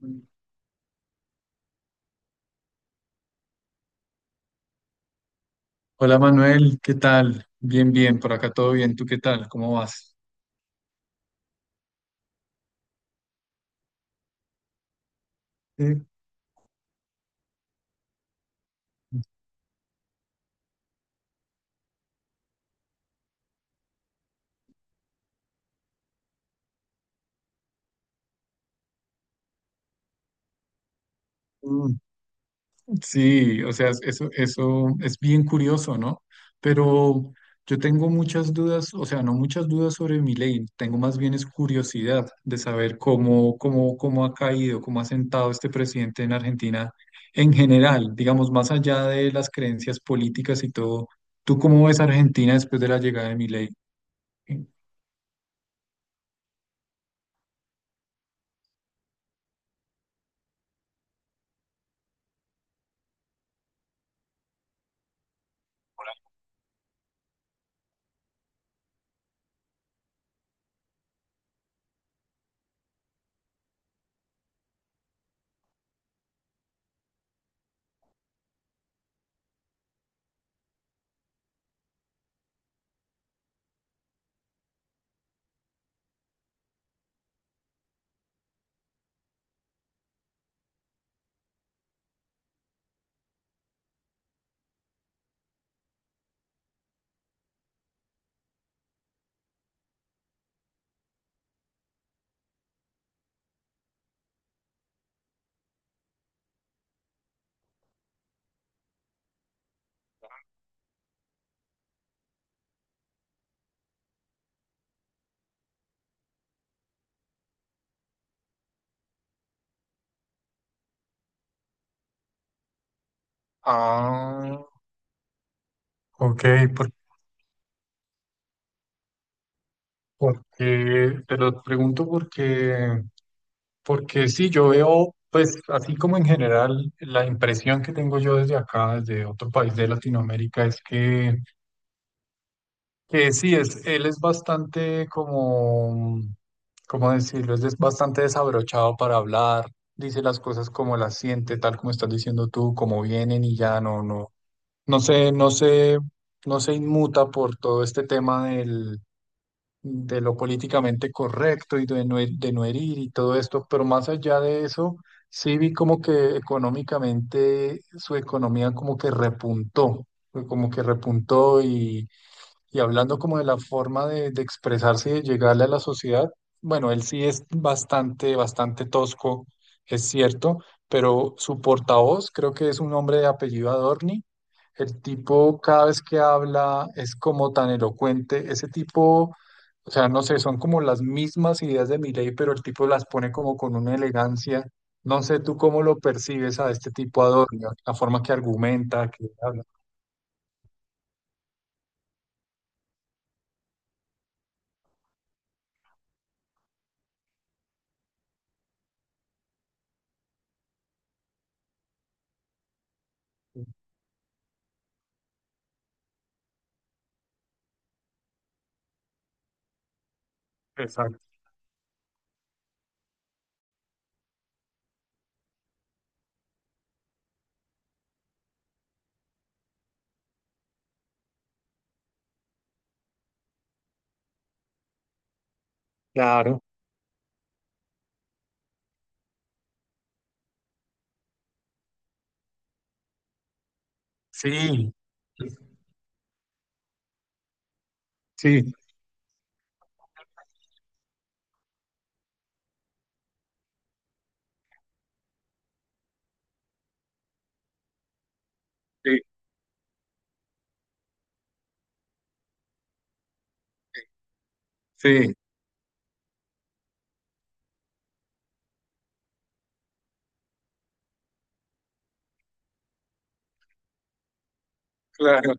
Hola Manuel, ¿qué tal? Bien, bien, por acá todo bien. ¿Tú qué tal? ¿Cómo vas? Eh, mm, Sí, o sea, eso, eso es bien curioso, ¿no? Pero yo tengo muchas dudas, o sea, no muchas dudas sobre mi ley, tengo más bien es curiosidad de saber cómo ha caído, cómo ha sentado este presidente en Argentina en general, digamos, más allá de las creencias políticas y todo. ¿Tú cómo ves Argentina después de la llegada de mi ley? Ah, ok. Porque te lo pregunto porque, porque sí, yo veo, pues así como en general, la impresión que tengo yo desde acá, desde otro país de Latinoamérica, es que sí, es, él es bastante como, ¿cómo decirlo? Es bastante desabrochado para hablar, dice las cosas como las siente, tal como estás diciendo tú, como vienen y ya no sé, no sé, no se inmuta por todo este tema de lo políticamente correcto y de no, de no herir y todo esto, pero más allá de eso, sí vi como que económicamente su economía como que repuntó, fue como que repuntó y hablando como de la forma de expresarse y de llegarle a la sociedad, bueno, él sí es bastante tosco, es cierto, pero su portavoz creo que es un hombre de apellido Adorni. El tipo cada vez que habla es como tan elocuente. Ese tipo, o sea, no sé, son como las mismas ideas de Milei, pero el tipo las pone como con una elegancia. No sé tú cómo lo percibes a este tipo Adorni, la forma que argumenta, que habla. Exacto. Claro. Sí. Sí, sí, sí, claro.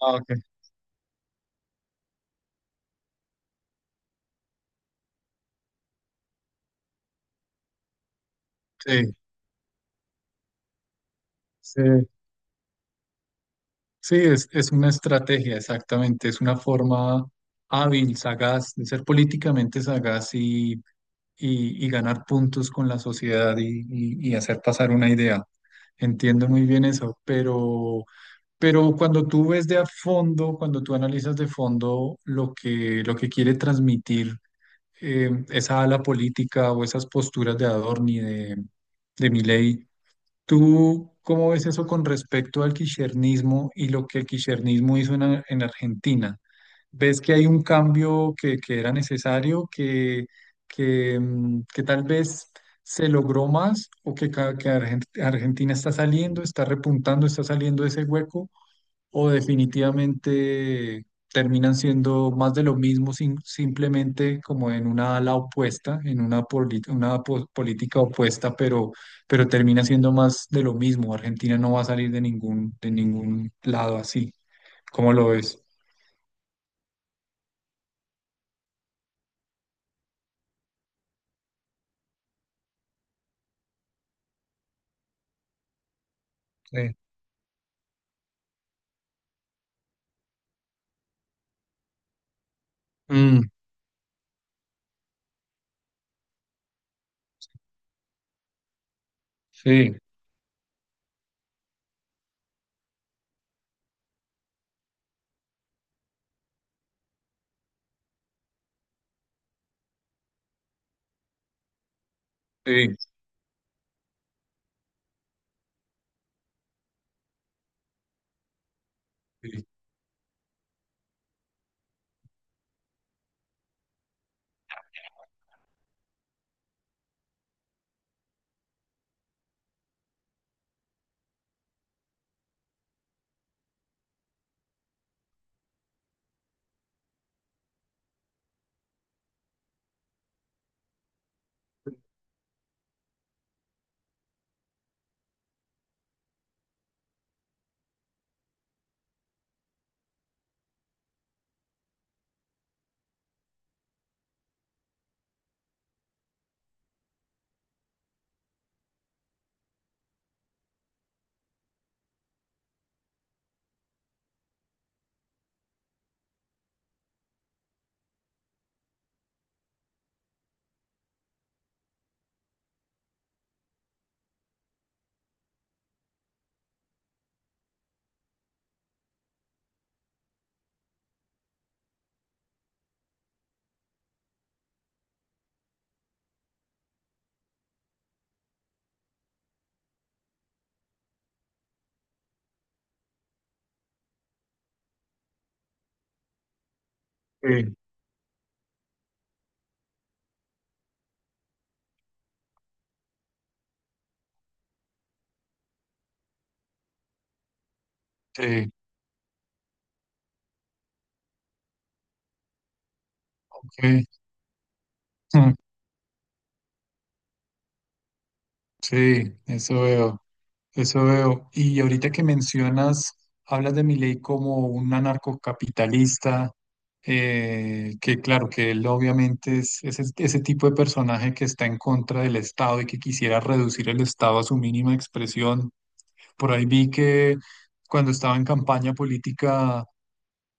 Ah, ok. Sí, sí, sí, es una estrategia, exactamente. Es una forma hábil, sagaz, de ser políticamente sagaz y ganar puntos con la sociedad y hacer pasar una idea. Entiendo muy bien eso, pero cuando tú ves de a fondo, cuando tú analizas de fondo lo que quiere transmitir esa ala política o esas posturas de Adorni, de Milei, ¿tú cómo ves eso con respecto al kirchnerismo y lo que el kirchnerismo hizo en, en Argentina? ¿Ves que hay un cambio que era necesario, que, que tal vez se logró más o que, que Argentina está saliendo, está repuntando, está saliendo de ese hueco? ¿O definitivamente terminan siendo más de lo mismo, simplemente como en una ala opuesta, en una, política opuesta, pero termina siendo más de lo mismo? Argentina no va a salir de ningún lado así. ¿Cómo lo ves? Sí. Mm, sí, sí, sí, sí, sí, ok, mm, sí, eso veo. Eso veo. Y ahorita que mencionas, hablas de Milei como un anarcocapitalista, que claro, que él obviamente es ese, ese tipo de personaje que está en contra del Estado y que quisiera reducir el Estado a su mínima expresión. Por ahí vi que cuando estaba en campaña política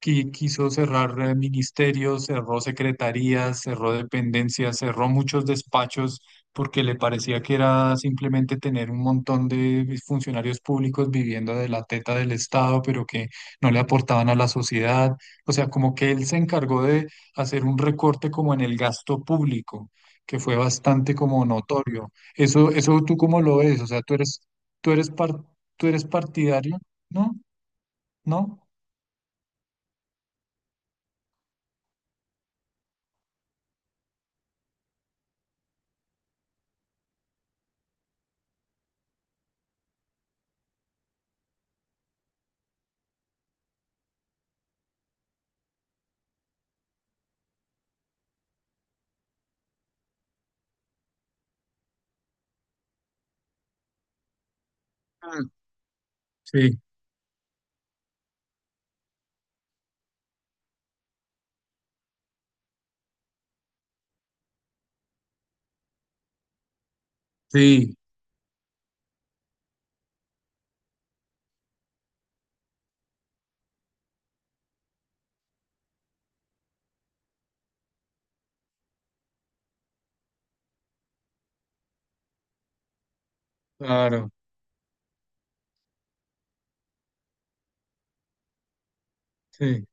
quiso cerrar ministerios, cerró secretarías, cerró dependencias, cerró muchos despachos porque le parecía que era simplemente tener un montón de funcionarios públicos viviendo de la teta del Estado, pero que no le aportaban a la sociedad. O sea, como que él se encargó de hacer un recorte como en el gasto público, que fue bastante como notorio. Eso tú cómo lo ves, o sea, tú eres, tú eres par- tú eres partidario, ¿no? ¿No? Mm. Sí, sí, claro, sí,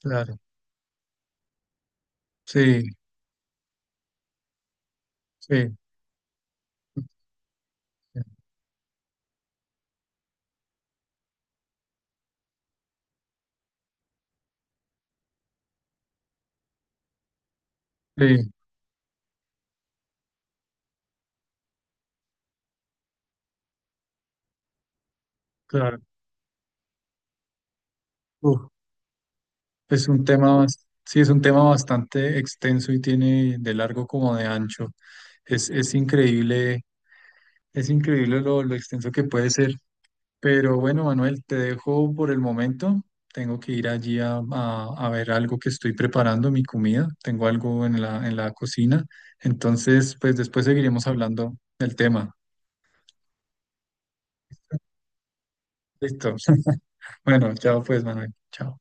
claro, sí, sí, sí, claro. Uf, es un tema, sí, es un tema bastante extenso y tiene de largo como de ancho. Es, es increíble, es increíble lo extenso que puede ser. Pero bueno, Manuel, te dejo por el momento. Tengo que ir allí a, a ver algo que estoy preparando, mi comida. Tengo algo en la cocina. Entonces, pues después seguiremos hablando del tema. Listo. Bueno, chao pues, Manuel. Chao.